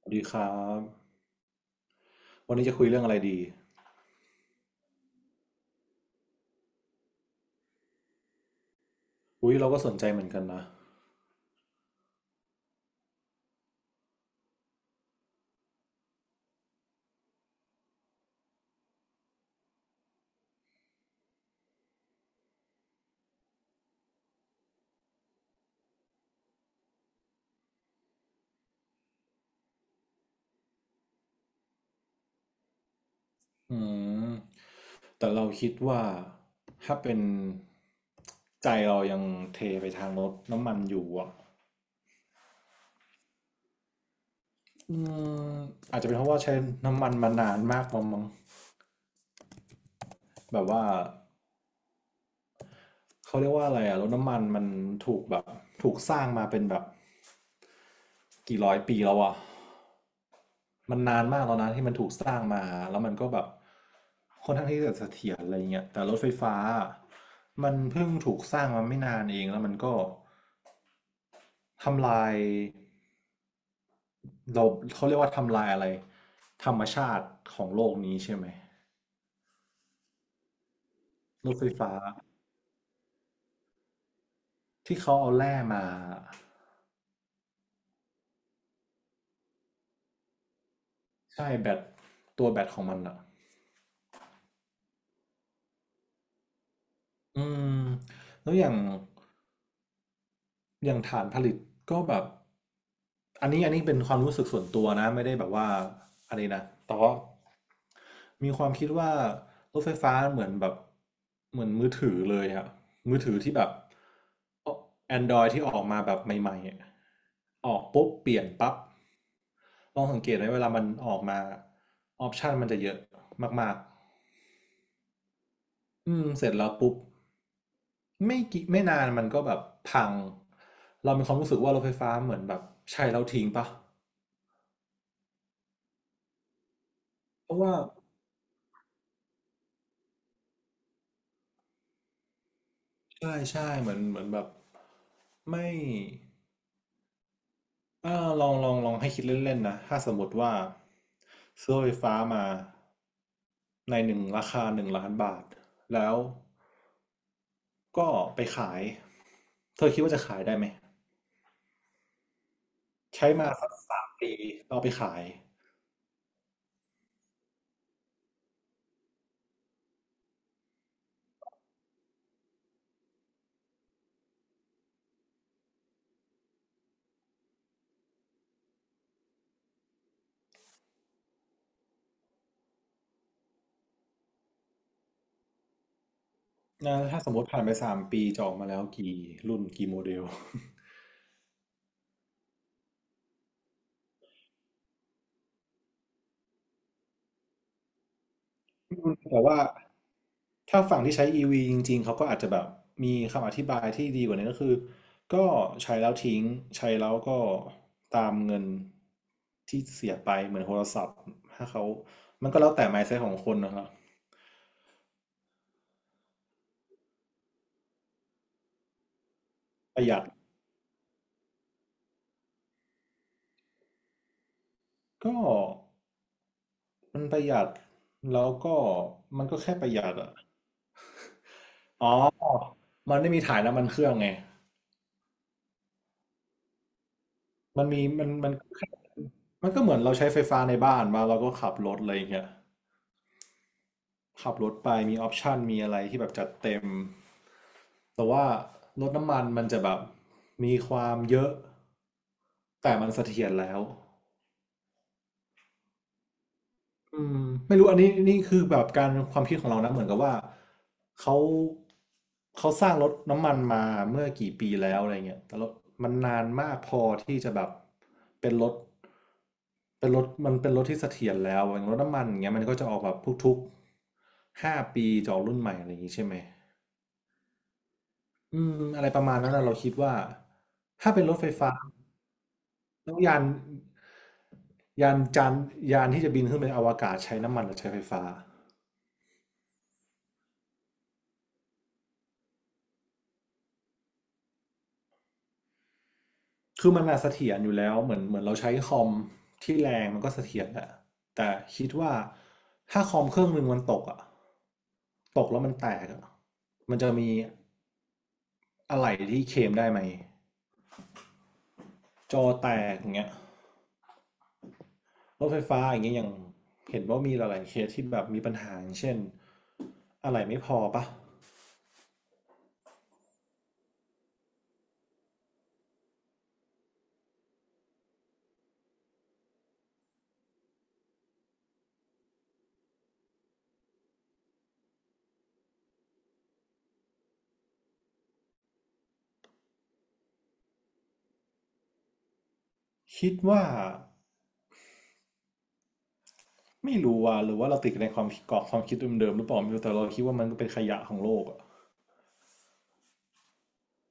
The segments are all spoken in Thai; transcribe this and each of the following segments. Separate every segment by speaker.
Speaker 1: สวัสดีครับวันนี้จะคุยเรื่องอะไรดี อุ้ยเราก็สนใจเหมือนกันนะอืมแต่เราคิดว่าถ้าเป็นใจเรายังเทไปทางรถน้ำมันอยู่อ่ะอืมอาจจะเป็นเพราะว่าใช้น้ำมันมานานมากมั้งแบบว่าเขาเรียกว่าอะไรอ่ะรถน้ำมันมันถูกแบบถูกสร้างมาเป็นแบบ กี่ร้อยปีแล้ววะมันนานมากแล้วนะที่มันถูกสร้างมาแล้วมันก็แบบค่อนข้างที่จะเสถียรอะไรเงี้ยแต่รถไฟฟ้ามันเพิ่งถูกสร้างมาไม่นานเองแล้วมันก็ทำลายเราเขาเรียกว่าทำลายอะไรธรรมชาติของโลกนี้ใช่ไหมรถไฟฟ้าที่เขาเอาแร่มาใช่แบตตัวแบตของมันอ่ะอืมแล้วอย่างฐานผลิตก็แบบอันนี้เป็นความรู้สึกส่วนตัวนะไม่ได้แบบว่าอันนี้นะแต่ว่ามีความคิดว่ารถไฟฟ้าเหมือนมือถือเลยอะมือถือที่แบบ Android ที่ออกมาแบบใหม่ๆอะออกปุ๊บเปลี่ยนปั๊บลองสังเกตไหมเวลามันออกมาออปชันมันจะเยอะมากๆเสร็จแล้วปุ๊บ ไม่นานมันก็แบบพังเรามีความรู้สึกว่ารถไฟฟ้าเหมือนแบบใช้แล้วทิ้งปะเพราะว่าใช่ใช่เหมือนแบบไม่อ่าลองให้คิดเล่นๆนะถ้าสมมติว่าซื้อรถไฟฟ้ามาในหนึ่งราคา1,000,000 บาทแล้วก็ไปขายเธอคิดว่าจะขายได้ไหมใช้มาสักสามปีเราไปขายนะถ้าสมมติผ่านไปสามปีจะออกมาแล้วกี่รุ่นกี่โมเดล แต่ว่าถ้าฝั่งที่ใช้ EV จริงๆเขาก็อาจจะแบบมีคำอธิบายที่ดีกว่านี้ก็คือก็ใช้แล้วทิ้งใช้แล้วก็ตามเงินที่เสียไปเหมือนโทรศัพท์ถ้าเขามันก็แล้วแต่ mindset ของคนนะครับประหยัดก็มันประหยัดแล้วก็มันก็แค่ประหยัดอะอ๋อมันไม่มีถ่ายน้ำมันเครื่องไงมันมีมันมันมันก็เหมือนเราใช้ไฟฟ้าในบ้านมาเราก็ขับรถอะไรอย่างเงี้ย ขับรถไปมีออปชันมีอะไรที่แบบจัดเต็มแต่ว่ารถน้ำมันมันจะแบบมีความเยอะแต่มันเสถียรแล้วอืมไม่รู้อันนี้นี่คือแบบการความคิดของเรานะเหมือนกับว่าเขาเขาสร้างรถน้ำมันมาเมื่อกี่ปีแล้วอะไรเงี้ยแต่รถมันนานมากพอที่จะแบบเป็นรถเป็นรถที่เสถียรแล้วอย่างรถน้ำมันอย่างเงี้ยมันก็จะออกแบบทุกๆ5 ปีจะออกรุ่นใหม่อะไรอย่างงี้ใช่ไหม อืมอะไรประมาณนั้นน่ะเราคิดว่าถ้าเป็นรถไฟฟ้าแล้วยานจานยานที่จะบินขึ้นไปอวกาศใช้น้ำมันหรือใช้ไฟฟ้าคือมันน่ะเสถียรอยู่แล้วเหมือนเราใช้คอมที่แรงมันก็เสถียรแหละแต่คิดว่าถ้าคอมเครื่องหนึ่งมันตกอ่ะตกแล้วมันแตกอ่ะมันจะมีอะไรที่เคลมได้ไหมจอแตกอย่างเงี้ยรถไฟฟ้าอย่างเงี้ยยังเห็นว่ามีหลายๆเคสที่แบบมีปัญหาอย่างเช่นอะไรไม่พอปะ คิดว่าไม่รู้ว่าหรือว่าเราติดในความคิดกรอบความคิดเดิมๆหรือเปล่าไม่รู้แต่เราคิดว่ามันก็เป็นขยะของโลกอะ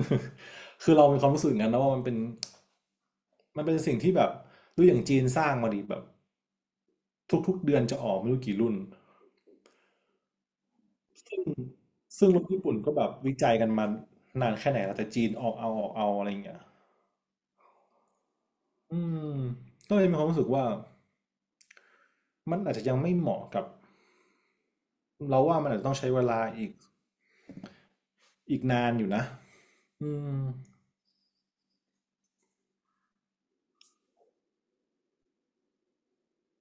Speaker 1: คือเรามีความรู้สึกองั้นนะว่ามันเป็นมันเป็นสิ่งที่แบบดูอย่างจีนสร้างมาดิแบบทุกๆเดือนจะออกไม่รู้กี่รุ่นซึ่งรุ่นญี่ปุ่นก็แบบวิจัยกันมานานแค่ไหนแล้วแต่จีนออกเอาออกเอาอะไรอย่างเงี้ยอืมก็เลยมีความรู้สึกว่ามันอาจจะยังไม่เหมาะกับเราว่ามันอาจจะต้องใช้เวลาอีกนานอยู่นะอืม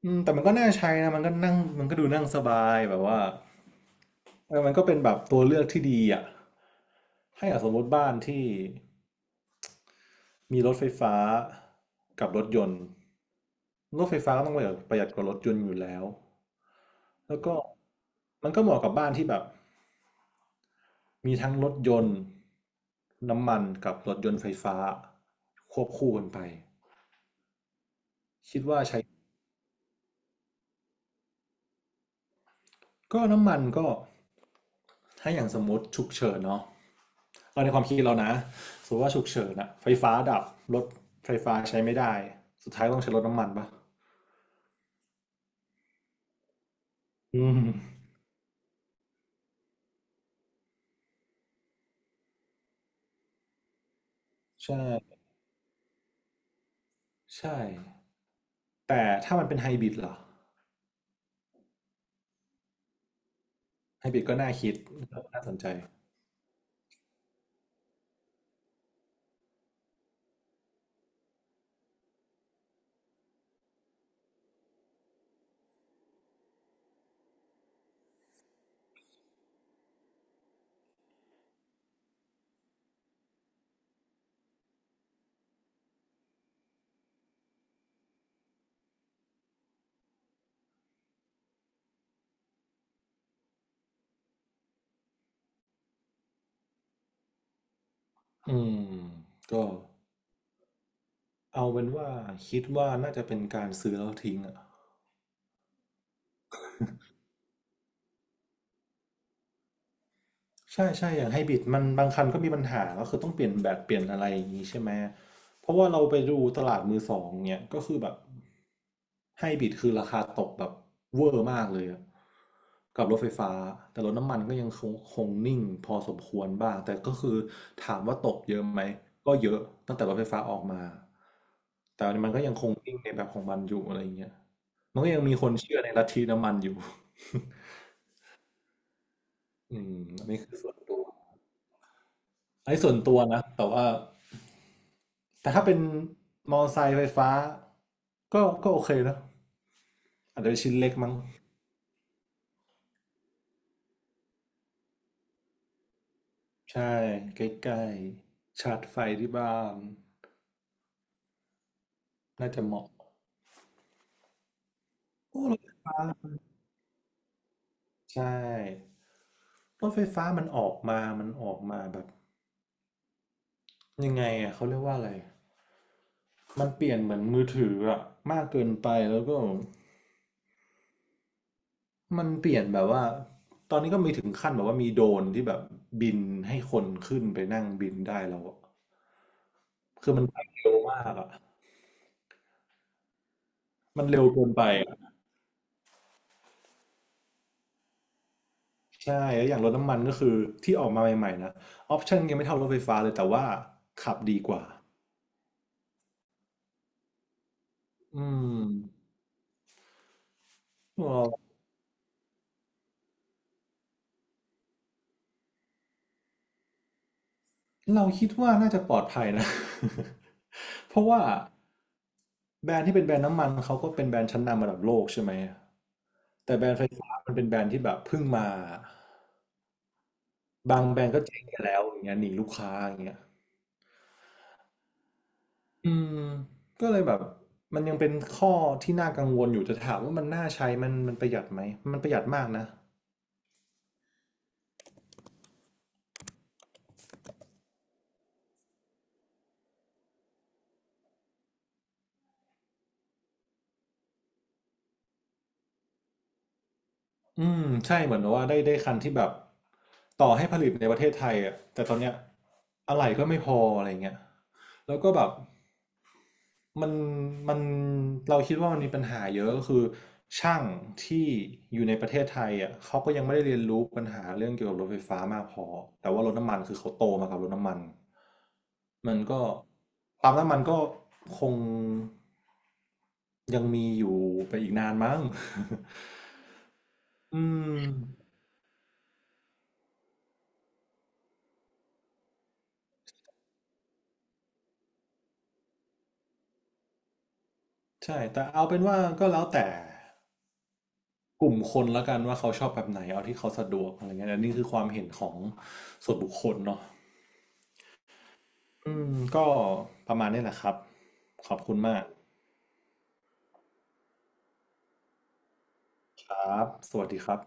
Speaker 1: อืมแต่มันก็น่าใช้นะมันก็นั่งมันก็ดูนั่งสบายแบบว่าเออมันก็เป็นแบบตัวเลือกที่ดีอ่ะให้อ่ะสมมติบ้านที่มีรถไฟฟ้ากับรถยนต์รถไฟฟ้าก็ต้องประหยัดกว่ารถยนต์อยู่แล้วแล้วก็มันก็เหมาะกับบ้านที่แบบมีทั้งรถยนต์น้ำมันกับรถยนต์ไฟฟ้าควบคู่กันไปคิดว่าใช้ก็น้ำมันก็ถ้าอย่างสมมติฉุกเฉินเนาะ เราในความคิดเรานะสมมติว่าฉุกเฉินอะไฟฟ้าดับ รถไฟฟ้าใช้ไม่ได้ สุดท้ายต้องใช้รถน้ำมันปะอืมใช่ใช่ แต่ถ้ามันเป็นไฮบริดเหรอไฮบริดก็น่าคิด น่าสนใจอืมก็เอาเป็นว่าคิดว่าน่าจะเป็นการซื้อแล้วทิ้งอะ ใช่ใช่อย่างไฮบริดมันบางคันก็มีปัญหาก็คือต้องเปลี่ยนแบตเปลี่ยนอะไรอย่างนี้ใช่ไหมเพราะว่าเราไปดูตลาดมือสองเนี่ยก็คือแบบไฮบริดคือราคาตกแบบเวอร์มากเลยอะกับรถไฟฟ้าแต่รถน้ำมันก็ยังคงนิ่งพอสมควรบ้างแต่ก็คือถามว่าตกเยอะไหมก็เยอะตั้งแต่รถไฟฟ้าออกมาแต่มันก็ยังคงนิ่งในแบบของมันอยู่อะไรเงี้ยมันก็ยังมีคนเชื่อในลัทธิน้ำมันอยู่ อืมอันนี้คือส่วนตัว อันนี้ส่วนตัวนะแต่ว่าแต่ถ้าเป็นมอเตอร์ไซค์ไฟฟ้าก็โอเคนะอาจจะเป็นชิ้นเล็กมั้งใช่ใกล้ๆชาร์จไฟที่บ้านน่าจะเหมาะโอ้รถไฟฟ้าใช่รถไฟฟ้ามันออกมาแบบยังไงอ่ะเขาเรียกว่าอะไรมันเปลี่ยนเหมือนมือถืออะมากเกินไปแล้วก็มันเปลี่ยนแบบว่าตอนนี้ก็มีถึงขั้นแบบว่ามีโดรนที่แบบบินให้คนขึ้นไปนั่งบินได้แล้วอะ คือมันไปเร็วมากอ่ะมันเร็วเกินไปอะใช่แล้วอย่างรถน้ำมันก็คือที่ออกมาใหม่ๆนะออปชั่นยังไม่เท่ารถไฟฟ้าเลยแต่ว่าขับดีกว่าอืมเอ่อเราคิดว่าน่าจะปลอดภัยนะ เพราะว่าแบรนด์ที่เป็นแบรนด์น้ำมันเขาก็เป็นแบรนด์ชั้นนำระดับโลกใช่ไหม แต่แบรนด์ไฟฟ้ามันเป็นแบรนด์ที่แบบเพิ่งมาบางแบรนด์ก็เจ๊งไปแล้วอย่างเงี้ยหนีลูกค้าอย่างเงี้ย อืมก็เลยแบบมันยังเป็นข้อที่น่ากังวลอยู่แต่ถามว่ามันน่าใช้มันประหยัดไหมมันประหยัดมากนะอืมใช่เหมือนแบบว่าได้คันที่แบบต่อให้ผลิตในประเทศไทยอ่ะแต่ตอนเนี้ยอะไหล่ก็ไม่พออะไรเงี้ยแล้วก็แบบ มันมันเราคิดว่ามันมีปัญหาเยอะก็คือช่างที่อยู่ในประเทศไทยอ่ะเขาก็ยังไม่ได้เรียนรู้ปัญหาเรื่องเกี่ยวกับรถไฟฟ้ามากพอแต่ว่ารถน้ำมันคือเขาโตมากับรถน้ำมันมันก็ปั๊มน้ำมันก็คงยังมีอยู่ไปอีกนานมั้ง อืมใช่แต่เอาเป็นว่าก็แล้วแต่กลุ่มคนละกันว่าเขาชอบแบบไหนเอาที่เขาสะดวกอะไรเงี้ยอันนี้คือความเห็นของส่วนบุคคลเนาะ อืมก็ประมาณนี้แหละครับ ขอบคุณมากครับสวัสดีครับ